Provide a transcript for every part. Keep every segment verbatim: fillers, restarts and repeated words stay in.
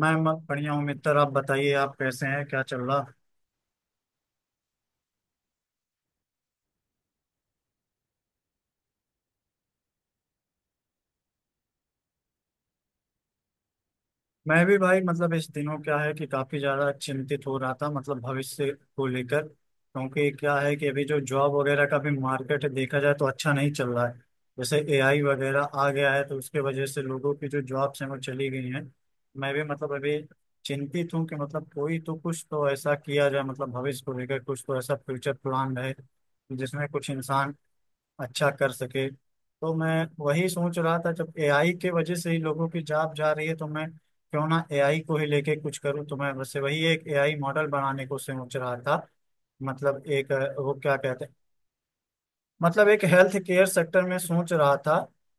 मैं मत बढ़िया हूँ मित्र। आप बताइए, आप कैसे हैं, क्या चल रहा। मैं भी भाई, मतलब इस दिनों क्या है कि काफी ज्यादा चिंतित हो रहा था, मतलब भविष्य को लेकर, क्योंकि क्या है कि अभी जो जॉब वगैरह का भी मार्केट है, देखा जाए तो अच्छा नहीं चल रहा है। जैसे एआई वगैरह आ गया है तो उसके वजह से लोगों की जो जॉब्स हैं वो चली गई हैं। मैं भी मतलब अभी चिंतित हूँ कि मतलब कोई तो, कुछ तो ऐसा किया जाए, मतलब भविष्य को लेकर कुछ तो ऐसा फ्यूचर प्लान है जिसमें कुछ इंसान अच्छा कर सके। तो मैं वही सोच रहा था, जब एआई के वजह से ही लोगों की जॉब जा रही है तो मैं क्यों ना एआई को ही लेके कुछ करूँ। तो मैं वैसे वही एक एआई मॉडल बनाने को सोच रहा था। मतलब एक अ, वो क्या कहते हैं। मतलब एक हेल्थ केयर सेक्टर में सोच रहा था।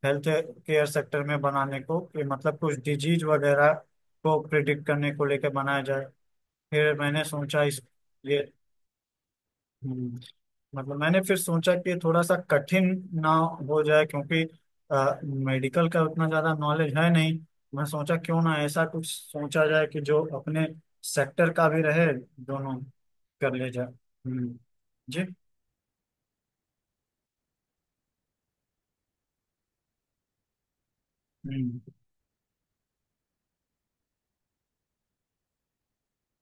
हेल्थ केयर सेक्टर में बनाने को, कि मतलब कुछ डिजीज वगैरह को प्रिडिक्ट करने को लेकर बनाया जाए। फिर मैंने सोचा इस ये मतलब मैंने फिर सोचा कि थोड़ा सा कठिन ना हो जाए, क्योंकि मेडिकल का उतना ज्यादा नॉलेज है नहीं। मैं सोचा क्यों ना ऐसा कुछ सोचा जाए कि जो अपने सेक्टर का भी रहे, दोनों कर ले जाए। हम्म। जी। हम्म।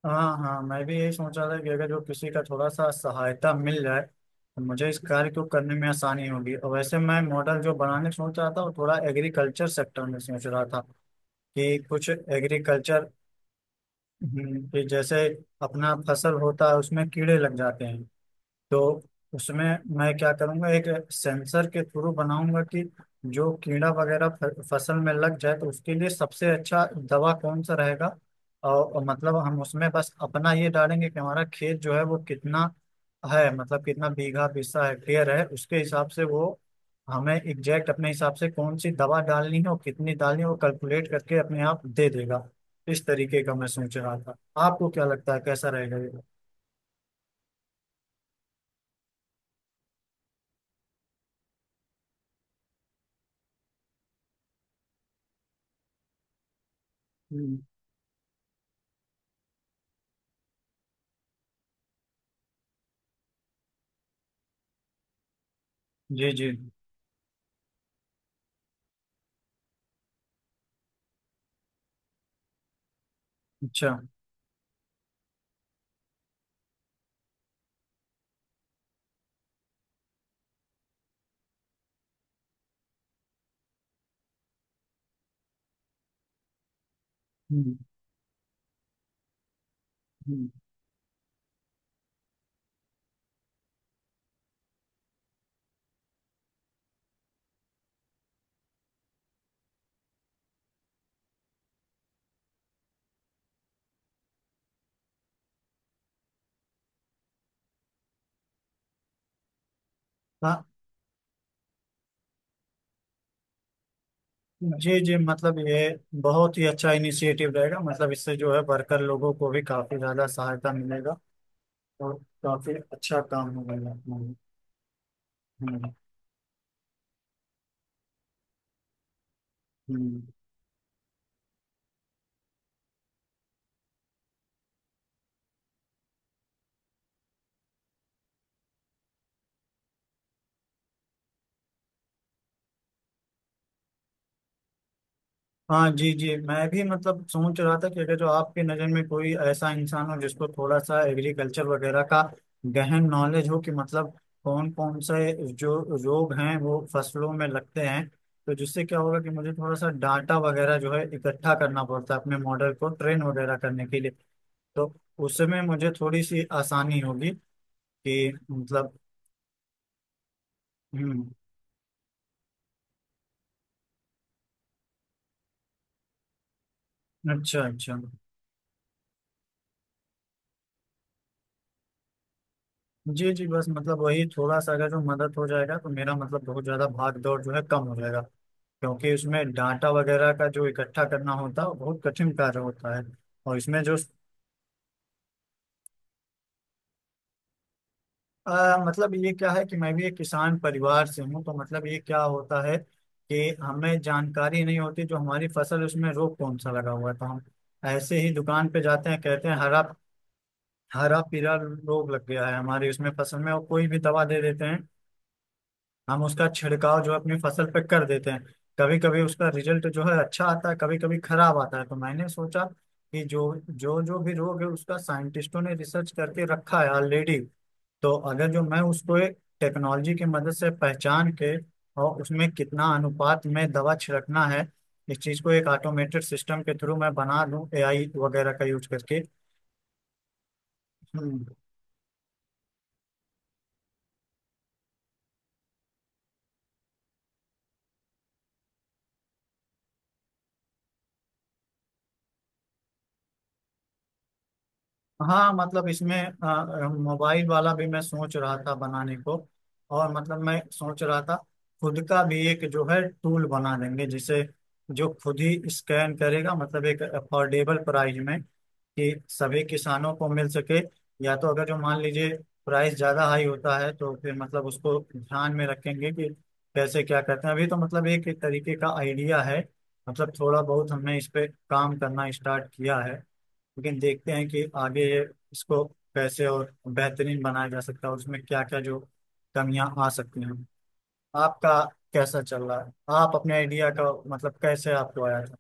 हाँ हाँ, मैं भी यही सोचा था कि अगर जो किसी का थोड़ा सा सहायता मिल जाए तो मुझे इस कार्य को करने में आसानी होगी, और वैसे मैं मॉडल जो बनाने सोच रहा था वो थोड़ा एग्रीकल्चर सेक्टर में सोच रहा था। कि कुछ एग्रीकल्चर, हम्म, कि जैसे अपना फसल होता है उसमें कीड़े लग जाते हैं। तो उसमें मैं क्या करूंगा, एक सेंसर के थ्रू बनाऊंगा कि जो कीड़ा वगैरह फ- फसल में लग जाए तो उसके लिए सबसे अच्छा दवा कौन सा रहेगा। और, और मतलब हम उसमें बस अपना ये डालेंगे कि हमारा खेत जो है वो कितना है, मतलब कितना बीघा बीसा हेक्टेयर है, उसके हिसाब से वो हमें एग्जैक्ट अपने हिसाब से कौन सी दवा डालनी है और कितनी डालनी है, वो कैलकुलेट करके अपने आप दे देगा। इस तरीके का मैं सोच रहा था। आपको क्या लगता है, कैसा रहेगा ये? हम्म। जी जी। अच्छा। हम्म, हम्म। हाँ जी जी, मतलब ये बहुत ही अच्छा इनिशिएटिव रहेगा, मतलब इससे जो है वर्कर लोगों को भी काफी ज्यादा सहायता मिलेगा और काफी अच्छा काम होगा ये अपना। हम्म हम्म। हाँ जी जी, मैं भी मतलब सोच रहा था कि अगर जो आपकी नज़र में कोई ऐसा इंसान हो जिसको थोड़ा सा एग्रीकल्चर वगैरह का गहन नॉलेज हो, कि मतलब कौन कौन से जो रोग हैं वो फसलों में लगते हैं, तो जिससे क्या होगा कि मुझे थोड़ा सा डाटा वगैरह जो है इकट्ठा करना पड़ता है अपने मॉडल को ट्रेन वगैरह करने के लिए, तो उसमें मुझे थोड़ी सी आसानी होगी, कि मतलब। हम्म। अच्छा अच्छा। जी जी बस, मतलब वही थोड़ा सा अगर जो मदद हो जाएगा तो मेरा मतलब बहुत ज्यादा भाग दौड़ जो है कम हो जाएगा, क्योंकि इसमें डाटा वगैरह का जो इकट्ठा करना होता है वो बहुत कठिन कार्य होता है। और इसमें जो अ, मतलब ये क्या है कि मैं भी एक किसान परिवार से हूँ, तो मतलब ये क्या होता है कि हमें जानकारी नहीं होती जो हमारी फसल है, उसमें रोग कौन सा लगा हुआ है, तो हम ऐसे ही दुकान पे जाते हैं, कहते हैं हरा हरा पीला रोग लग गया है हमारी उसमें फसल में, और कोई भी दवा दे देते हैं। हम उसका छिड़काव जो है अपनी फसल पे कर देते हैं। कभी कभी उसका रिजल्ट जो है अच्छा आता है, कभी कभी खराब आता है। तो मैंने सोचा कि जो जो जो भी रोग है उसका साइंटिस्टों ने रिसर्च करके रखा है ऑलरेडी। तो अगर जो मैं उसको टेक्नोलॉजी की मदद से पहचान के, और उसमें कितना अनुपात में दवा छिड़कना है, इस चीज को एक ऑटोमेटेड सिस्टम के थ्रू मैं बना लूं एआई वगैरह का यूज करके। हाँ, मतलब इसमें अ, मोबाइल वाला भी मैं सोच रहा था बनाने को। और मतलब मैं सोच रहा था, खुद का भी एक जो है टूल बना देंगे जिसे जो खुद ही स्कैन करेगा, मतलब एक अफोर्डेबल प्राइस में कि सभी किसानों को मिल सके। या तो अगर जो मान लीजिए प्राइस ज्यादा हाई होता है तो फिर मतलब उसको ध्यान में रखेंगे कि कैसे क्या करते हैं। अभी तो मतलब एक तरीके का आइडिया है, मतलब थोड़ा बहुत हमने इस पे काम करना स्टार्ट किया है। लेकिन देखते हैं कि आगे इसको कैसे और बेहतरीन बनाया जा सकता है, और उसमें क्या क्या जो कमियां आ सकती हैं। आपका कैसा चल रहा है? आप अपने आइडिया का मतलब कैसे आपको आया था?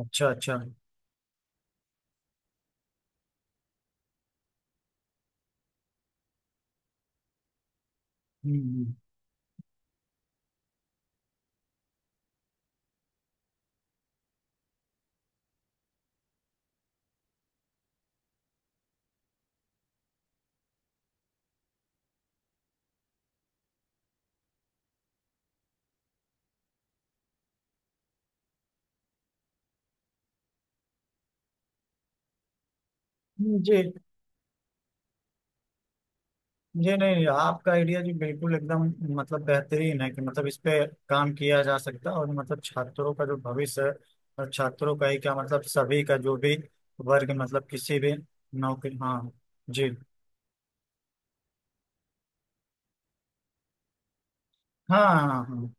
अच्छा अच्छा। हम्म हम्म। जी जी। नहीं, आपका आइडिया जी बिल्कुल एकदम, मतलब बेहतरीन है, कि मतलब इस पे काम किया जा सकता है, और मतलब छात्रों का जो भविष्य है, और छात्रों का ही क्या, मतलब सभी का जो भी वर्ग, मतलब किसी भी नौकरी। हाँ जी। हाँ हाँ हाँ।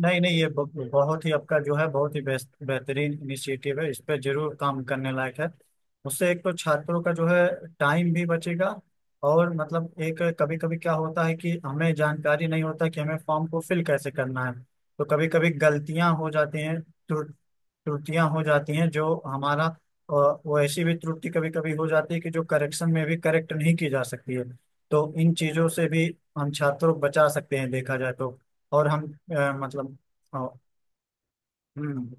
नहीं नहीं, ये ब- बहुत ही आपका जो है बहुत ही बेस्ट बेहतरीन इनिशिएटिव है, इस पे जरूर काम करने लायक है। उससे एक तो छात्रों का जो है टाइम भी बचेगा। और मतलब एक कभी कभी क्या होता है कि हमें जानकारी नहीं होता कि हमें फॉर्म को फिल कैसे करना है, तो कभी कभी गलतियां हो जाती हैं, त्रुटियां हो जाती हैं। जो हमारा अ, वो ऐसी भी त्रुटि कभी कभी हो जाती है कि जो करेक्शन में भी करेक्ट नहीं की जा सकती है, तो इन चीजों से भी हम छात्रों को बचा सकते हैं, देखा जाए तो। और हम अ, मतलब अ, हम्म।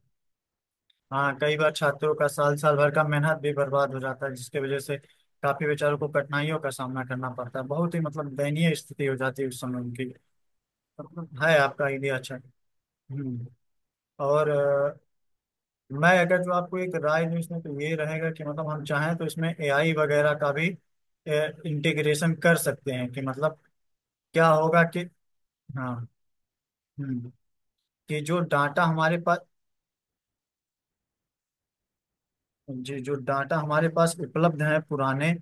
हाँ, कई बार छात्रों का साल साल भर का मेहनत भी बर्बाद हो जाता है, जिसके वजह से काफी बेचारों को कठिनाइयों का सामना करना पड़ता है, बहुत ही मतलब दयनीय स्थिति हो जाती है उस समय उनकी, मतलब है, आपका आइडिया अच्छा। हम्म। और मैं अगर जो आपको एक राय दूं इसमें तो ये रहेगा कि मतलब हम चाहें तो इसमें एआई वगैरह का भी इंटीग्रेशन कर सकते हैं, कि मतलब क्या होगा कि, हाँ, हम्म, कि जो डाटा हमारे पास। जी, जो डाटा हमारे पास उपलब्ध है पुराने,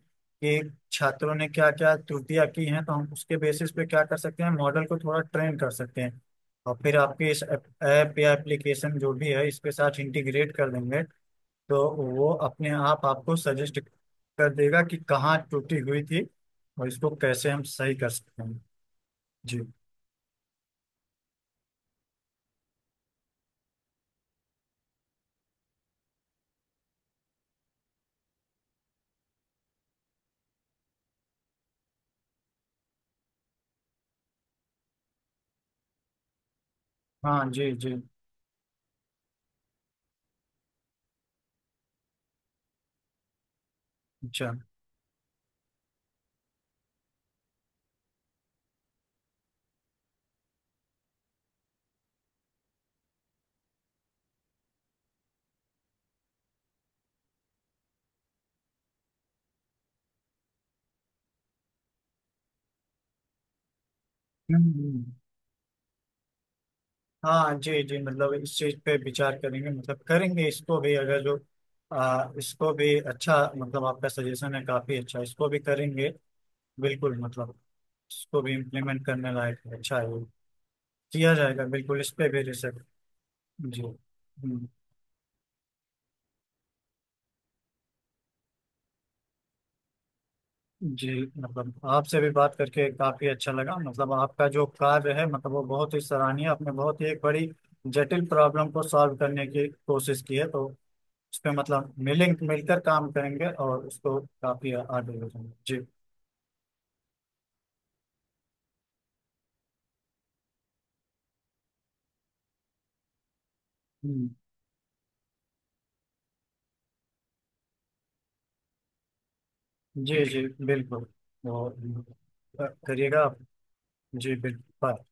कि छात्रों ने क्या क्या त्रुटियां की हैं, तो हम उसके बेसिस पे क्या कर सकते हैं, मॉडल को थोड़ा ट्रेन कर सकते हैं और फिर आपके इस ऐप या एप्लीकेशन जो भी है इसके साथ इंटीग्रेट कर देंगे। तो वो अपने आप आपको सजेस्ट कर देगा कि कहाँ टूटी हुई थी और इसको कैसे हम सही कर सकते हैं। जी। हाँ जी जी। अच्छा। हम्म हम्म। हाँ जी जी, मतलब इस चीज पे विचार करेंगे, मतलब करेंगे इसको भी, अगर जो आ, इसको भी, अच्छा मतलब आपका सजेशन है काफी अच्छा, इसको भी करेंगे, बिल्कुल, मतलब इसको भी इम्प्लीमेंट करने लायक है, अच्छा है ये। किया जाएगा बिल्कुल, इस पे भी रिसर्च। जी। हम्म। जी, मतलब आपसे भी बात करके काफी अच्छा लगा, मतलब आपका जो कार्य है, मतलब वो बहुत ही सराहनीय। आपने बहुत ही एक बड़ी जटिल प्रॉब्लम को सॉल्व करने की कोशिश की है, तो उस पे मतलब मिलें मिलकर काम करेंगे और उसको काफी आगे ले जाएंगे जी। हम्म, जी जी बिल्कुल। तो अ, करिएगा आप। जी बिल्कुल बाय।